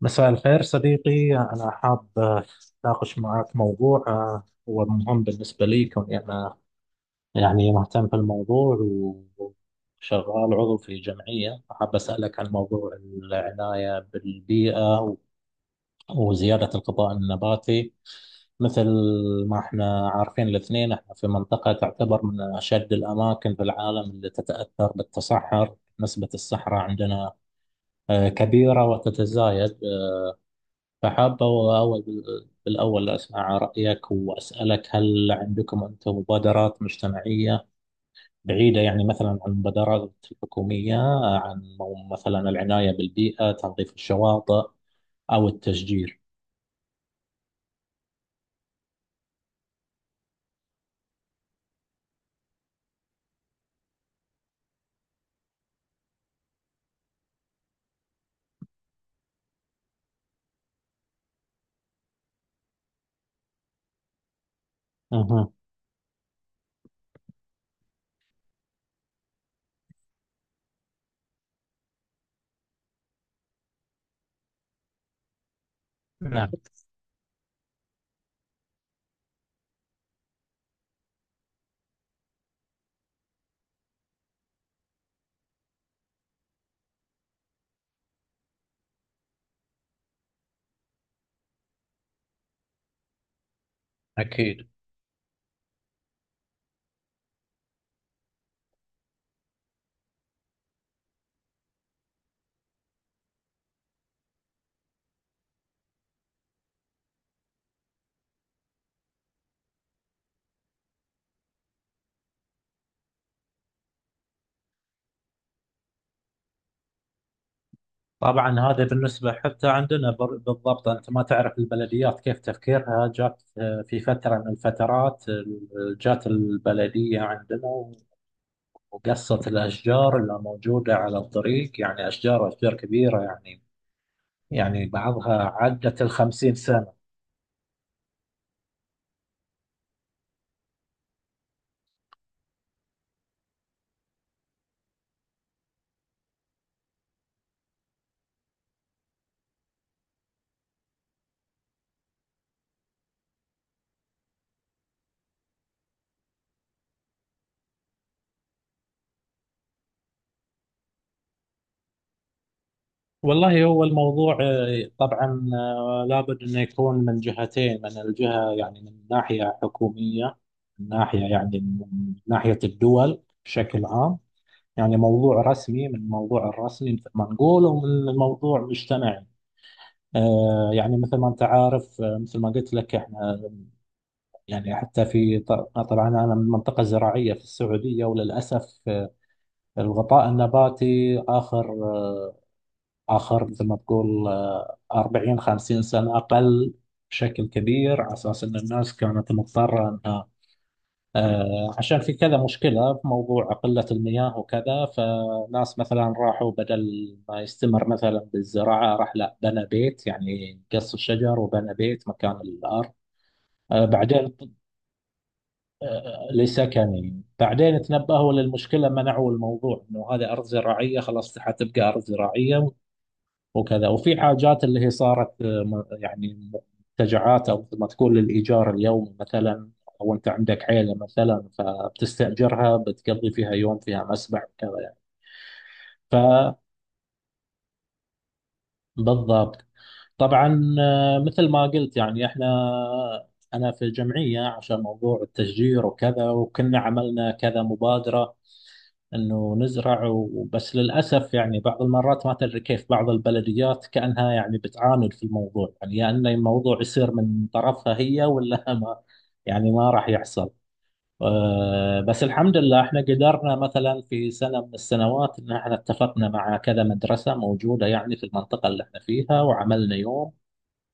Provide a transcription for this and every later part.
مساء الخير صديقي، أنا حاب أتناقش معك موضوع هو مهم بالنسبة لي، كوني أنا يعني مهتم في الموضوع وشغال عضو في جمعية. حاب أسألك عن موضوع العناية بالبيئة وزيادة الغطاء النباتي، مثل ما احنا عارفين الاثنين. احنا في منطقة تعتبر من أشد الأماكن في العالم اللي تتأثر بالتصحر. نسبة الصحراء عندنا كبيرة وتتزايد. فحابة أول بالأول أسمع رأيك، وأسألك هل عندكم أنتم مبادرات مجتمعية بعيدة، يعني مثلا عن المبادرات الحكومية، عن مثلا العناية بالبيئة، تنظيف الشواطئ أو التشجير؟ أها. نعم. أكيد. طبعا، هذا بالنسبة حتى عندنا بالضبط. أنت ما تعرف البلديات كيف تفكيرها. جات في فترة من الفترات، جات البلدية عندنا، وقصة الأشجار اللي موجودة على الطريق، يعني أشجار أشجار كبيرة، يعني بعضها عدت الخمسين سنة. والله، هو الموضوع طبعا لابد أنه يكون من جهتين. من الجهة يعني من ناحية حكومية، من ناحية يعني من ناحية الدول بشكل عام. يعني موضوع رسمي، من الموضوع الرسمي مثل ما نقول، ومن الموضوع مجتمعي. يعني مثل ما أنت عارف، مثل ما قلت لك، إحنا يعني حتى في طبعا أنا من منطقة زراعية في السعودية. وللأسف الغطاء النباتي آخر مثل ما تقول 40 50 سنة أقل بشكل كبير، على أساس أن الناس كانت مضطرة أنها عشان في كذا مشكلة في موضوع قلة المياه وكذا. فناس مثلا راحوا، بدل ما يستمر مثلا بالزراعة، راح لا، بنى بيت، يعني قص الشجر وبنى بيت مكان الأرض. بعدين لسكني. بعدين تنبهوا للمشكلة، منعوا الموضوع، انه هذه ارض زراعية خلاص حتبقى ارض زراعية وكذا. وفي حاجات اللي هي صارت يعني منتجعات، او ما تقول للايجار اليومي مثلا، او انت عندك عيلة مثلا، فبتستأجرها، بتقضي فيها يوم، فيها مسبح وكذا يعني. فبالضبط. طبعا مثل ما قلت يعني احنا، انا في جمعية عشان موضوع التشجير وكذا، وكنا عملنا كذا مبادرة انه نزرع بس للاسف يعني بعض المرات ما تدري كيف بعض البلديات كانها يعني بتعاند في الموضوع، يعني يا انه الموضوع يصير من طرفها هي، ولا ما راح يحصل. بس الحمد لله، احنا قدرنا مثلا في سنه من السنوات ان احنا اتفقنا مع كذا مدرسه موجوده يعني في المنطقه اللي احنا فيها، وعملنا يوم،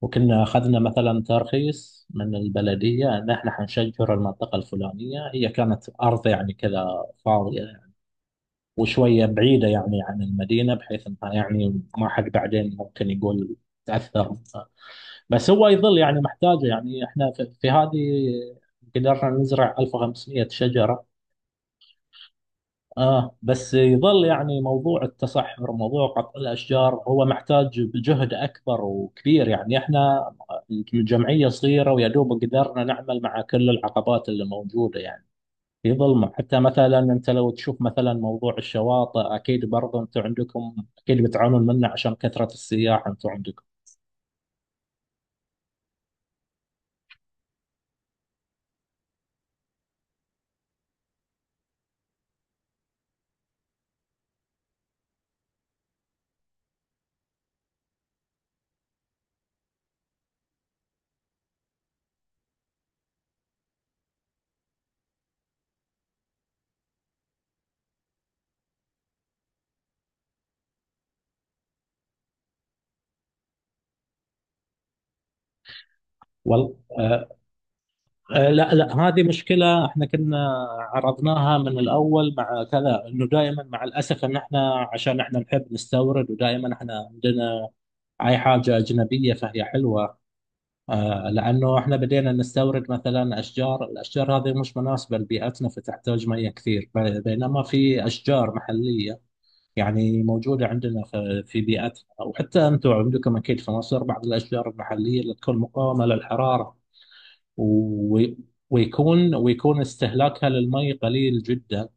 وكنا اخذنا مثلا ترخيص من البلديه ان احنا حنشجر المنطقه الفلانيه. هي كانت ارض يعني كذا فاضيه، وشوية بعيدة يعني عن المدينة، بحيث انها يعني ما حد بعدين ممكن يقول تأثر. بس هو يظل يعني محتاجة، يعني احنا في هذه قدرنا نزرع 1500 شجرة. اه، بس يظل يعني موضوع التصحر، موضوع قطع الأشجار، هو محتاج بجهد أكبر وكبير. يعني احنا الجمعية صغيرة، ويا دوب قدرنا نعمل مع كل العقبات اللي موجودة يعني في ظلمة. حتى مثلا أنت لو تشوف مثلا موضوع الشواطئ، أكيد برضه أنتم عندكم، أكيد بتعانون منه عشان كثرة السياح أنتم عندكم. والله. آه. آه. لا، لا، هذه مشكلة. احنا كنا عرضناها من الأول مع كذا، أنه دائما مع الأسف أن احنا عشان احنا نحب نستورد، ودائما احنا عندنا أي حاجة أجنبية فهي حلوة. آه، لأنه احنا بدينا نستورد مثلا الأشجار هذه مش مناسبة لبيئتنا، فتحتاج مياه كثير، بينما في أشجار محلية، يعني موجودة عندنا في بيئتنا. وحتى أنتم عندكم أكيد في مصر بعض الأشجار المحلية اللي تكون مقاومة للحرارة، و... ويكون استهلاكها للمي قليل جدا.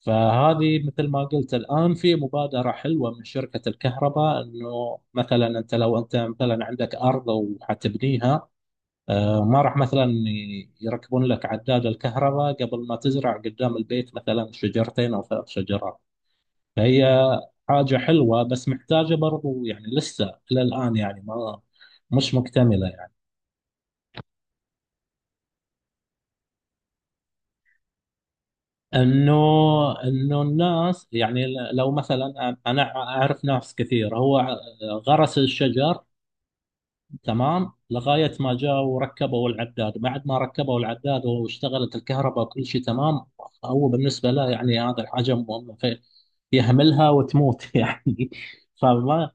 فهذه مثل ما قلت، الآن في مبادرة حلوة من شركة الكهرباء، أنه مثلا أنت لو أنت مثلا عندك أرض وحتبنيها، ما راح مثلا يركبون لك عداد الكهرباء قبل ما تزرع قدام البيت مثلا شجرتين أو ثلاث شجرات. فهي حاجة حلوة، بس محتاجة برضو، يعني لسه إلى الآن يعني ما مش مكتملة يعني. إنه إنه الناس يعني لو مثلا أنا أعرف ناس كثير، هو غرس الشجر تمام لغاية ما جاء وركبوا العداد. بعد ما ركبوا العداد واشتغلت الكهرباء وكل شيء تمام، هو بالنسبة له يعني هذا الحاجة مهمة يهملها وتموت يعني. فما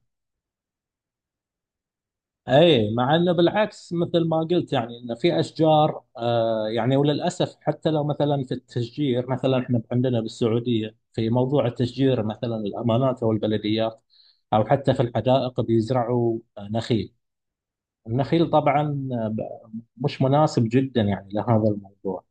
اي، مع انه بالعكس مثل ما قلت، يعني انه في اشجار آه يعني، وللاسف حتى لو مثلا في التشجير، مثلا احنا عندنا بالسعوديه في موضوع التشجير، مثلا الامانات او البلديات، او حتى في الحدائق بيزرعوا نخيل. النخيل طبعا مش مناسب جدا يعني لهذا الموضوع.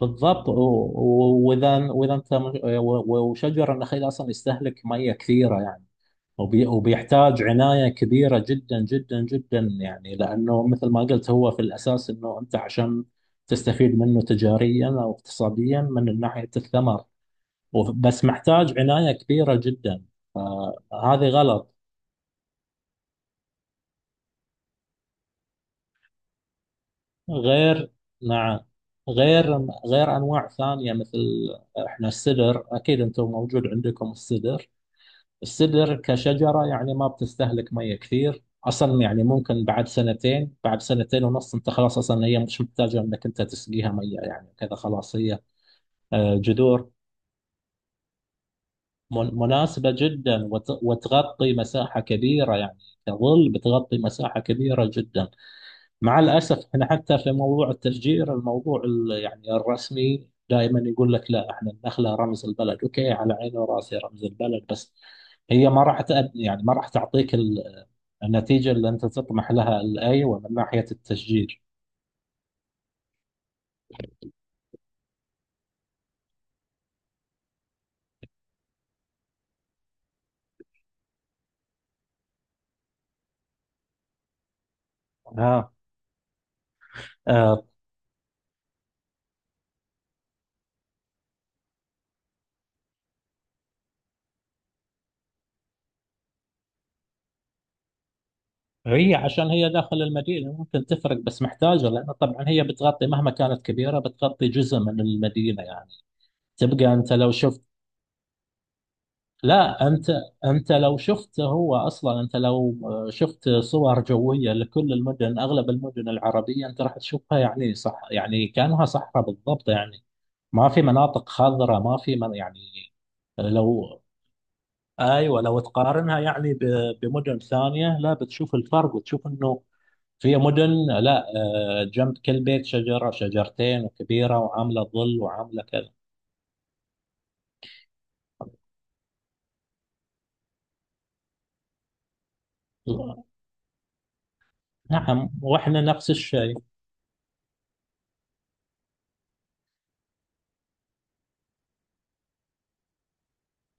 بالضبط. و- و- واذا واذا انت مش- و- و- وشجر النخيل اصلا يستهلك ميه كثيره يعني. وبيحتاج عناية كبيرة جدا جدا جدا، يعني لأنه مثل ما قلت هو في الأساس أنه أنت عشان تستفيد منه تجاريا أو اقتصاديا من ناحية الثمر. بس محتاج عناية كبيرة جدا. فهذه غلط. غير. نعم. غير غير أنواع ثانية، مثل إحنا السدر. أكيد أنتم موجود عندكم السدر. السدر كشجرة يعني ما بتستهلك مية كثير أصلا، يعني ممكن بعد سنتين ونص أنت خلاص، أصلا هي مش محتاجة أنك أنت تسقيها مية يعني كذا، خلاص هي جذور مناسبة جدا، وتغطي مساحة كبيرة، يعني كظل بتغطي مساحة كبيرة جدا. مع الأسف احنا حتى في موضوع التشجير، الموضوع يعني الرسمي دائما يقول لك لا، احنا النخلة رمز البلد. اوكي، على عيني وراسي رمز البلد، بس هي ما راح تأدي، يعني ما راح تعطيك النتيجة اللي انت تطمح لها الآيوة من ناحية التشجير. اه. آه، هي عشان هي داخل المدينة ممكن تفرق، بس محتاجة، لأن طبعا هي بتغطي، مهما كانت كبيرة بتغطي جزء من المدينة يعني. تبقى أنت لو شفت، لا، انت لو شفت هو اصلا، انت لو شفت صور جويه لكل المدن، اغلب المدن العربيه انت راح تشوفها يعني صح، يعني كانها صحراء بالضبط، يعني ما في مناطق خضراء، ما في من يعني. لو. ايوه. لو تقارنها يعني بمدن ثانيه، لا، بتشوف الفرق وتشوف انه في مدن، لا، جنب كل بيت شجره شجرتين وكبيره وعامله ظل وعامله كذا. نعم. واحنا نفس الشيء.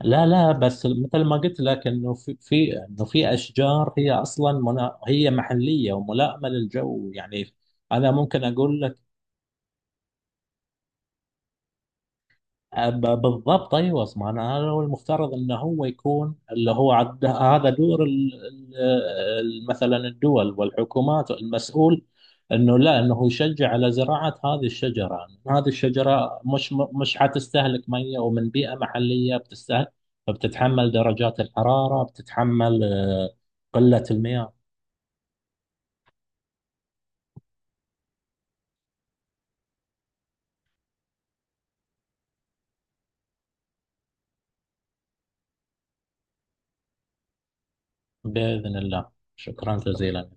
لا، لا، بس مثل ما قلت لك انه في انه في اشجار، هي اصلا منا، هي محليه وملائمه للجو يعني. انا ممكن اقول لك أب- بالضبط. ايوه. اسمع، انا هذا هو المفترض انه هو يكون اللي هو عد، هذا دور مثلا الدول والحكومات المسؤول. انه لا، انه يشجع على زراعه هذه الشجره، مش حتستهلك ميه، ومن بيئه محليه بتستهلك. فبتتحمل درجات الحراره، بتتحمل قله المياه. باذن الله. شكرا جزيلا.